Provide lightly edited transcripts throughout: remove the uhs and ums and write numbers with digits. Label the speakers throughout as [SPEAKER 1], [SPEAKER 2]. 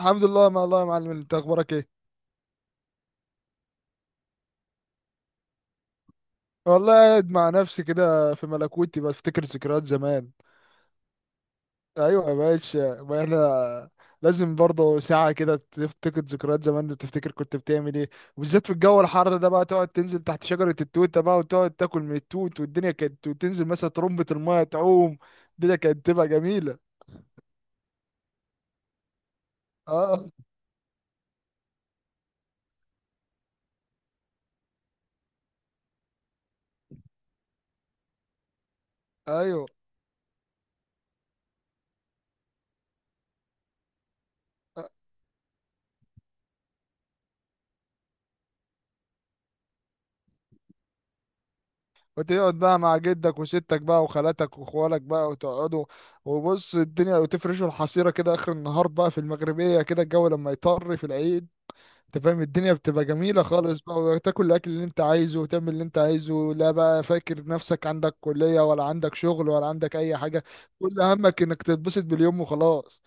[SPEAKER 1] الحمد لله ما الله يا معلم، انت اخبارك ايه؟ والله قاعد مع نفسي كده في ملكوتي بفتكر ذكريات زمان. ايوه يا باشا، ما احنا لازم برضه ساعة كده تفتكر ذكريات زمان وتفتكر كنت بتعمل ايه. وبالذات في الجو الحر ده بقى تقعد تنزل تحت شجرة التوتة بقى وتقعد تاكل من التوت، والدنيا كانت، وتنزل مثلا ترمبة المية تعوم. الدنيا كانت تبقى جميلة. اه. ايوه وتقعد بقى مع جدك وستك بقى وخالاتك وخوالك بقى وتقعدوا وبص الدنيا، وتفرشوا الحصيرة كده آخر النهار بقى في المغربية كده الجو لما يطر في العيد. انت فاهم الدنيا بتبقى جميلة خالص بقى، وتاكل الأكل اللي انت عايزه وتعمل اللي انت عايزه، لا بقى فاكر نفسك عندك كلية ولا عندك شغل ولا عندك أي حاجة. كل همك انك تتبسط باليوم وخلاص.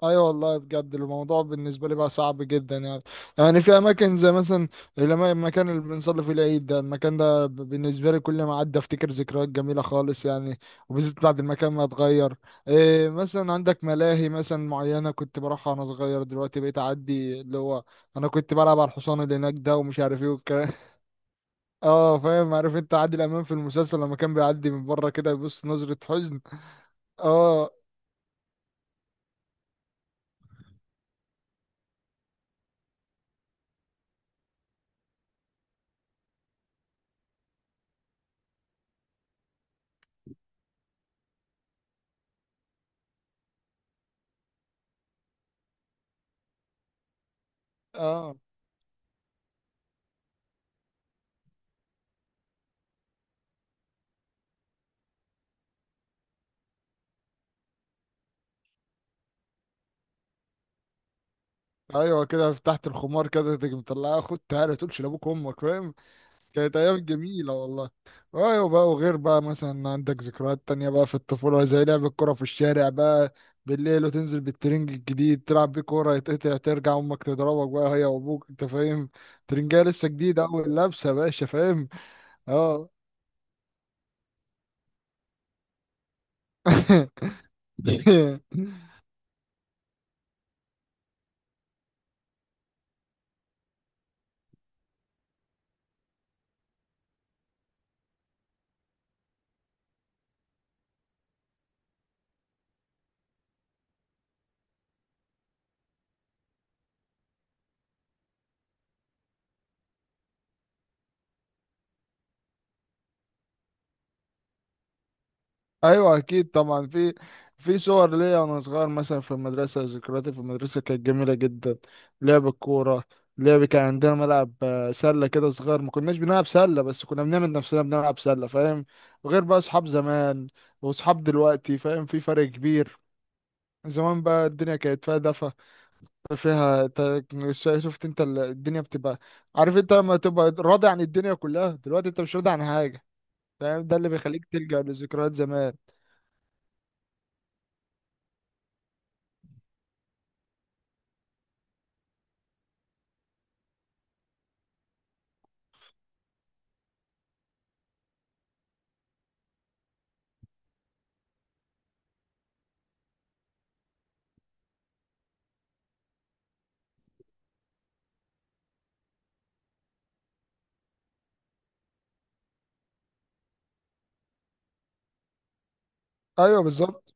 [SPEAKER 1] ايوه والله بجد الموضوع بالنسبه لي بقى صعب جدا يعني. يعني في اماكن زي مثلا المكان اللي بنصلي فيه العيد ده، المكان ده بالنسبه لي كل ما اعدي افتكر ذكريات جميله خالص يعني. وبالذات بعد المكان ما اتغير. إيه مثلا عندك ملاهي مثلا معينه كنت بروحها وانا صغير، دلوقتي بقيت اعدي اللي هو انا كنت بلعب على الحصان اللي هناك ده ومش عارف ايه والكلام. اه فاهم. عارف انت عادل امام في المسلسل لما كان بيعدي من بره كده يبص نظره حزن. اه. اه ايوه كده تحت الخمار كده تيجي مطلعها، خد تعالى تقولش لابوك وامك، فاهم؟ كانت ايام جميله والله. ايوه بقى. وغير بقى مثلا عندك ذكريات تانية بقى في الطفوله زي لعب الكوره في الشارع بقى بالليل، وتنزل بالترنج الجديد تلعب بيه كوره، يتقطع ترجع امك تضربك بقى هي وابوك، انت فاهم. ترنجايه لسه جديده اول لابسه يا باشا، فاهم؟ اه. ايوه اكيد طبعا في في صور ليا وانا صغير مثلا في المدرسه. ذكرياتي في المدرسه كانت جميله جدا. لعب الكوره. لعب. كان عندنا ملعب سله كده صغير، ما كناش بنلعب سله بس كنا بنعمل نفسنا بنلعب سله، فاهم؟ وغير بقى اصحاب زمان واصحاب دلوقتي، فاهم في فرق كبير. زمان بقى الدنيا كانت فيها دفى، فيها شفت انت الدنيا بتبقى، عارف انت لما تبقى راضي عن الدنيا كلها، دلوقتي انت مش راضي عن حاجه، فاهم؟ ده اللي بيخليك تلجأ لذكريات زمان. ايوه بالظبط.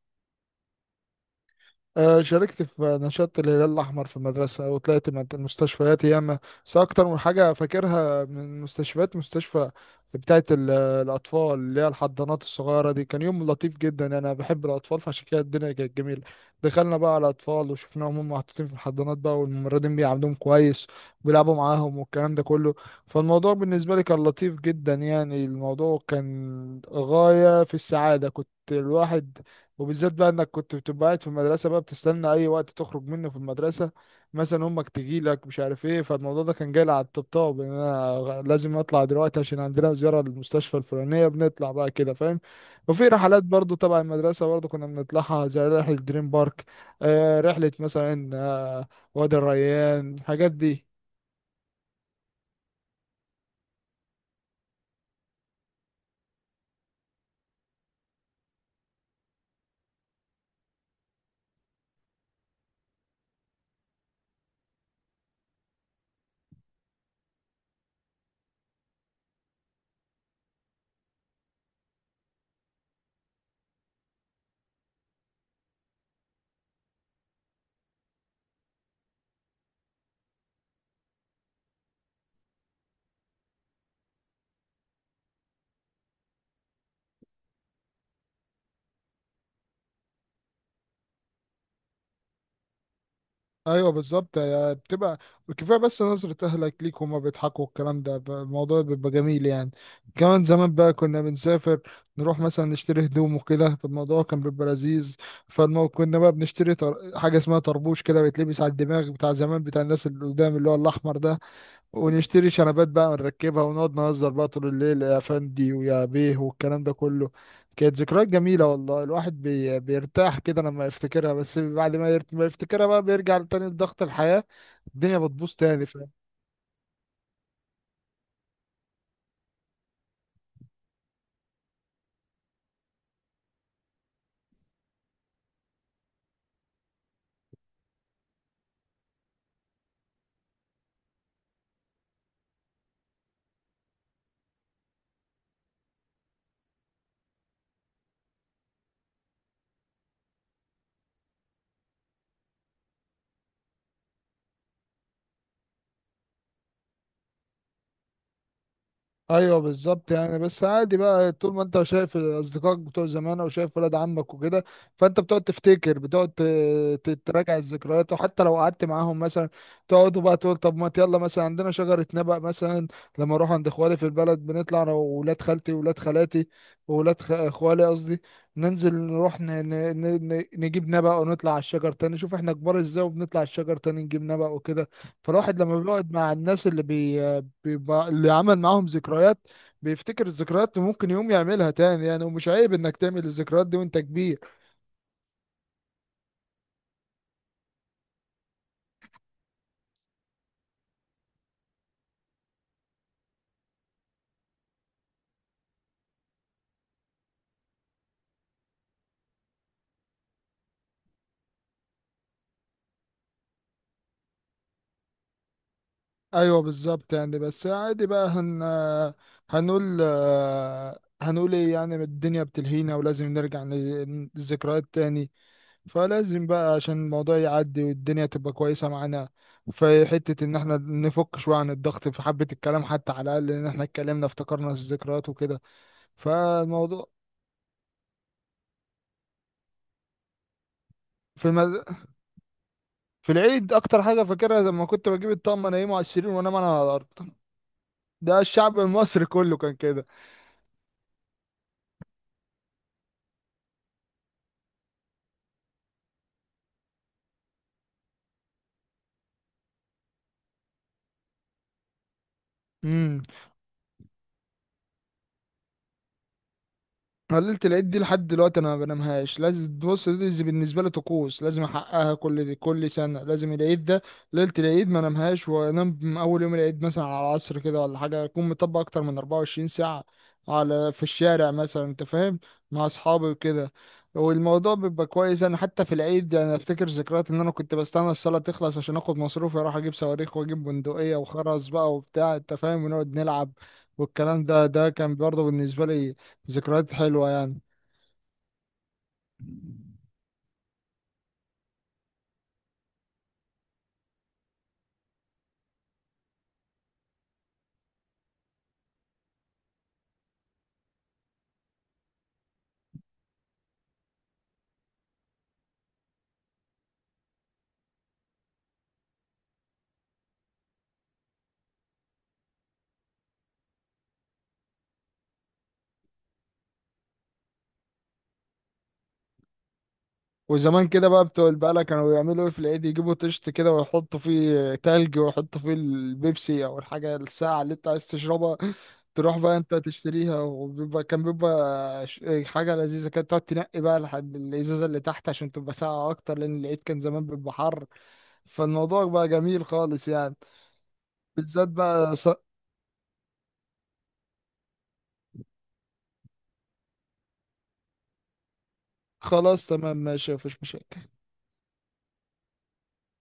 [SPEAKER 1] شاركت في نشاط الهلال الأحمر في المدرسة وطلعت من المستشفيات ياما. بس أكتر من حاجة فاكرها من المستشفيات مستشفى بتاعة الأطفال اللي هي الحضانات الصغيرة دي. كان يوم لطيف جدا يعني، أنا بحب الأطفال فعشان كده الدنيا كانت جميلة. دخلنا بقى على الأطفال وشفناهم هم محطوطين في الحضانات بقى، والممرضين بيعاملوهم كويس وبيلعبوا معاهم والكلام ده كله. فالموضوع بالنسبة لي كان لطيف جدا يعني، الموضوع كان غاية في السعادة. كنت الواحد، وبالذات بقى انك كنت بتبقى قاعد في المدرسه بقى بتستنى اي وقت تخرج منه في المدرسه، مثلا امك تجي لك مش عارف ايه. فالموضوع ده كان جاي لي على الطبطاب ان انا لازم اطلع دلوقتي عشان عندنا زياره للمستشفى الفلانيه، بنطلع بقى كده، فاهم. وفي رحلات برضو تبع المدرسه برضو كنا بنطلعها زي رحله دريم بارك. آه رحله مثلا آه وادي الريان، الحاجات دي. ايوه بالظبط بتبقى كفايه بس نظره اهلك ليك وهما بيضحكوا، الكلام ده الموضوع بيبقى جميل يعني. كمان زمان بقى كنا بنسافر، نروح مثلا نشتري هدوم وكده، فالموضوع كان بيبقى لذيذ. فالمو كنا بقى بنشتري حاجه اسمها طربوش كده بيتلبس على الدماغ بتاع زمان بتاع الناس اللي قدام، اللي هو الاحمر ده. ونشتري شنبات بقى ونركبها ونقعد نهزر بقى طول الليل، يا فندي ويا بيه والكلام ده كله. كانت ذكريات جميلة والله، الواحد بيرتاح كده لما يفتكرها، بس بعد ما، ما يفتكرها بقى بيرجع تاني لضغط الحياة، الدنيا بتبوظ تاني. ايوه بالظبط يعني. بس عادي بقى طول ما انت شايف اصدقائك بتوع زمان او شايف ولاد عمك وكده، فانت بتقعد تفتكر، بتقعد تراجع الذكريات. وحتى لو قعدت معاهم مثلا تقعدوا بقى تقول طب ما يلا، مثلا عندنا شجرة نبق مثلا، لما اروح عند اخوالي في البلد بنطلع انا وولاد خالتي وولاد خالاتي وولاد اخوالي قصدي، ننزل نروح نجيب نبق ونطلع على الشجر تاني، شوف احنا كبار ازاي وبنطلع على الشجر تاني نجيب نبق وكده. فالواحد لما بيقعد مع الناس اللي بيبقى اللي عمل معاهم ذكريات، بيفتكر الذكريات وممكن يقوم يعملها تاني يعني، ومش عيب انك تعمل الذكريات دي وانت كبير. ايوه بالظبط يعني. بس عادي بقى هنقول هنقول ايه يعني؟ الدنيا بتلهينا ولازم نرجع للذكريات تاني. فلازم بقى عشان الموضوع يعدي والدنيا تبقى كويسة معانا في حتة ان احنا نفك شوية عن الضغط في حبة الكلام، حتى على الاقل ان احنا اتكلمنا افتكرنا الذكريات وكده. فالموضوع. في في العيد اكتر حاجه فاكرها لما كنت بجيب الطقم انيمه على السرير وانام انا على الارض. ده الشعب المصري كله كان كده. امم قللت العيد دي لحد دلوقتي انا ما بنامهاش، لازم بص دي بالنسبه لي طقوس لازم احققها، كل دي كل سنه لازم العيد ده، ليله العيد ما انامهاش، وانام من اول يوم العيد مثلا على العصر كده ولا حاجه، اكون مطبق اكتر من 24 ساعه على في الشارع مثلا، انت فاهم، مع اصحابي وكده. والموضوع بيبقى كويس. انا حتى في العيد انا افتكر ذكريات ان انا كنت بستنى الصلاه تخلص عشان اخد مصروفي اروح اجيب صواريخ واجيب بندقيه وخرز بقى وبتاع، انت فاهم، ونقعد نلعب والكلام ده، ده كان برضه بالنسبه لي ذكريات حلوة يعني. وزمان كده بقى بتوع البقالة كانوا بيعملوا ايه في العيد، يجيبوا طشت كده ويحطوا فيه تلج ويحطوا فيه البيبسي او الحاجة الساعة اللي انت عايز تشربها، تروح بقى انت تشتريها، وبيبقى كان بيبقى حاجة لذيذة، كانت تقعد تنقي بقى لحد الازازة اللي تحت عشان تبقى ساقعة اكتر، لان العيد كان زمان بيبقى حر. فالموضوع بقى جميل خالص يعني. بالذات بقى خلاص تمام ماشي، مفيش مشاكل.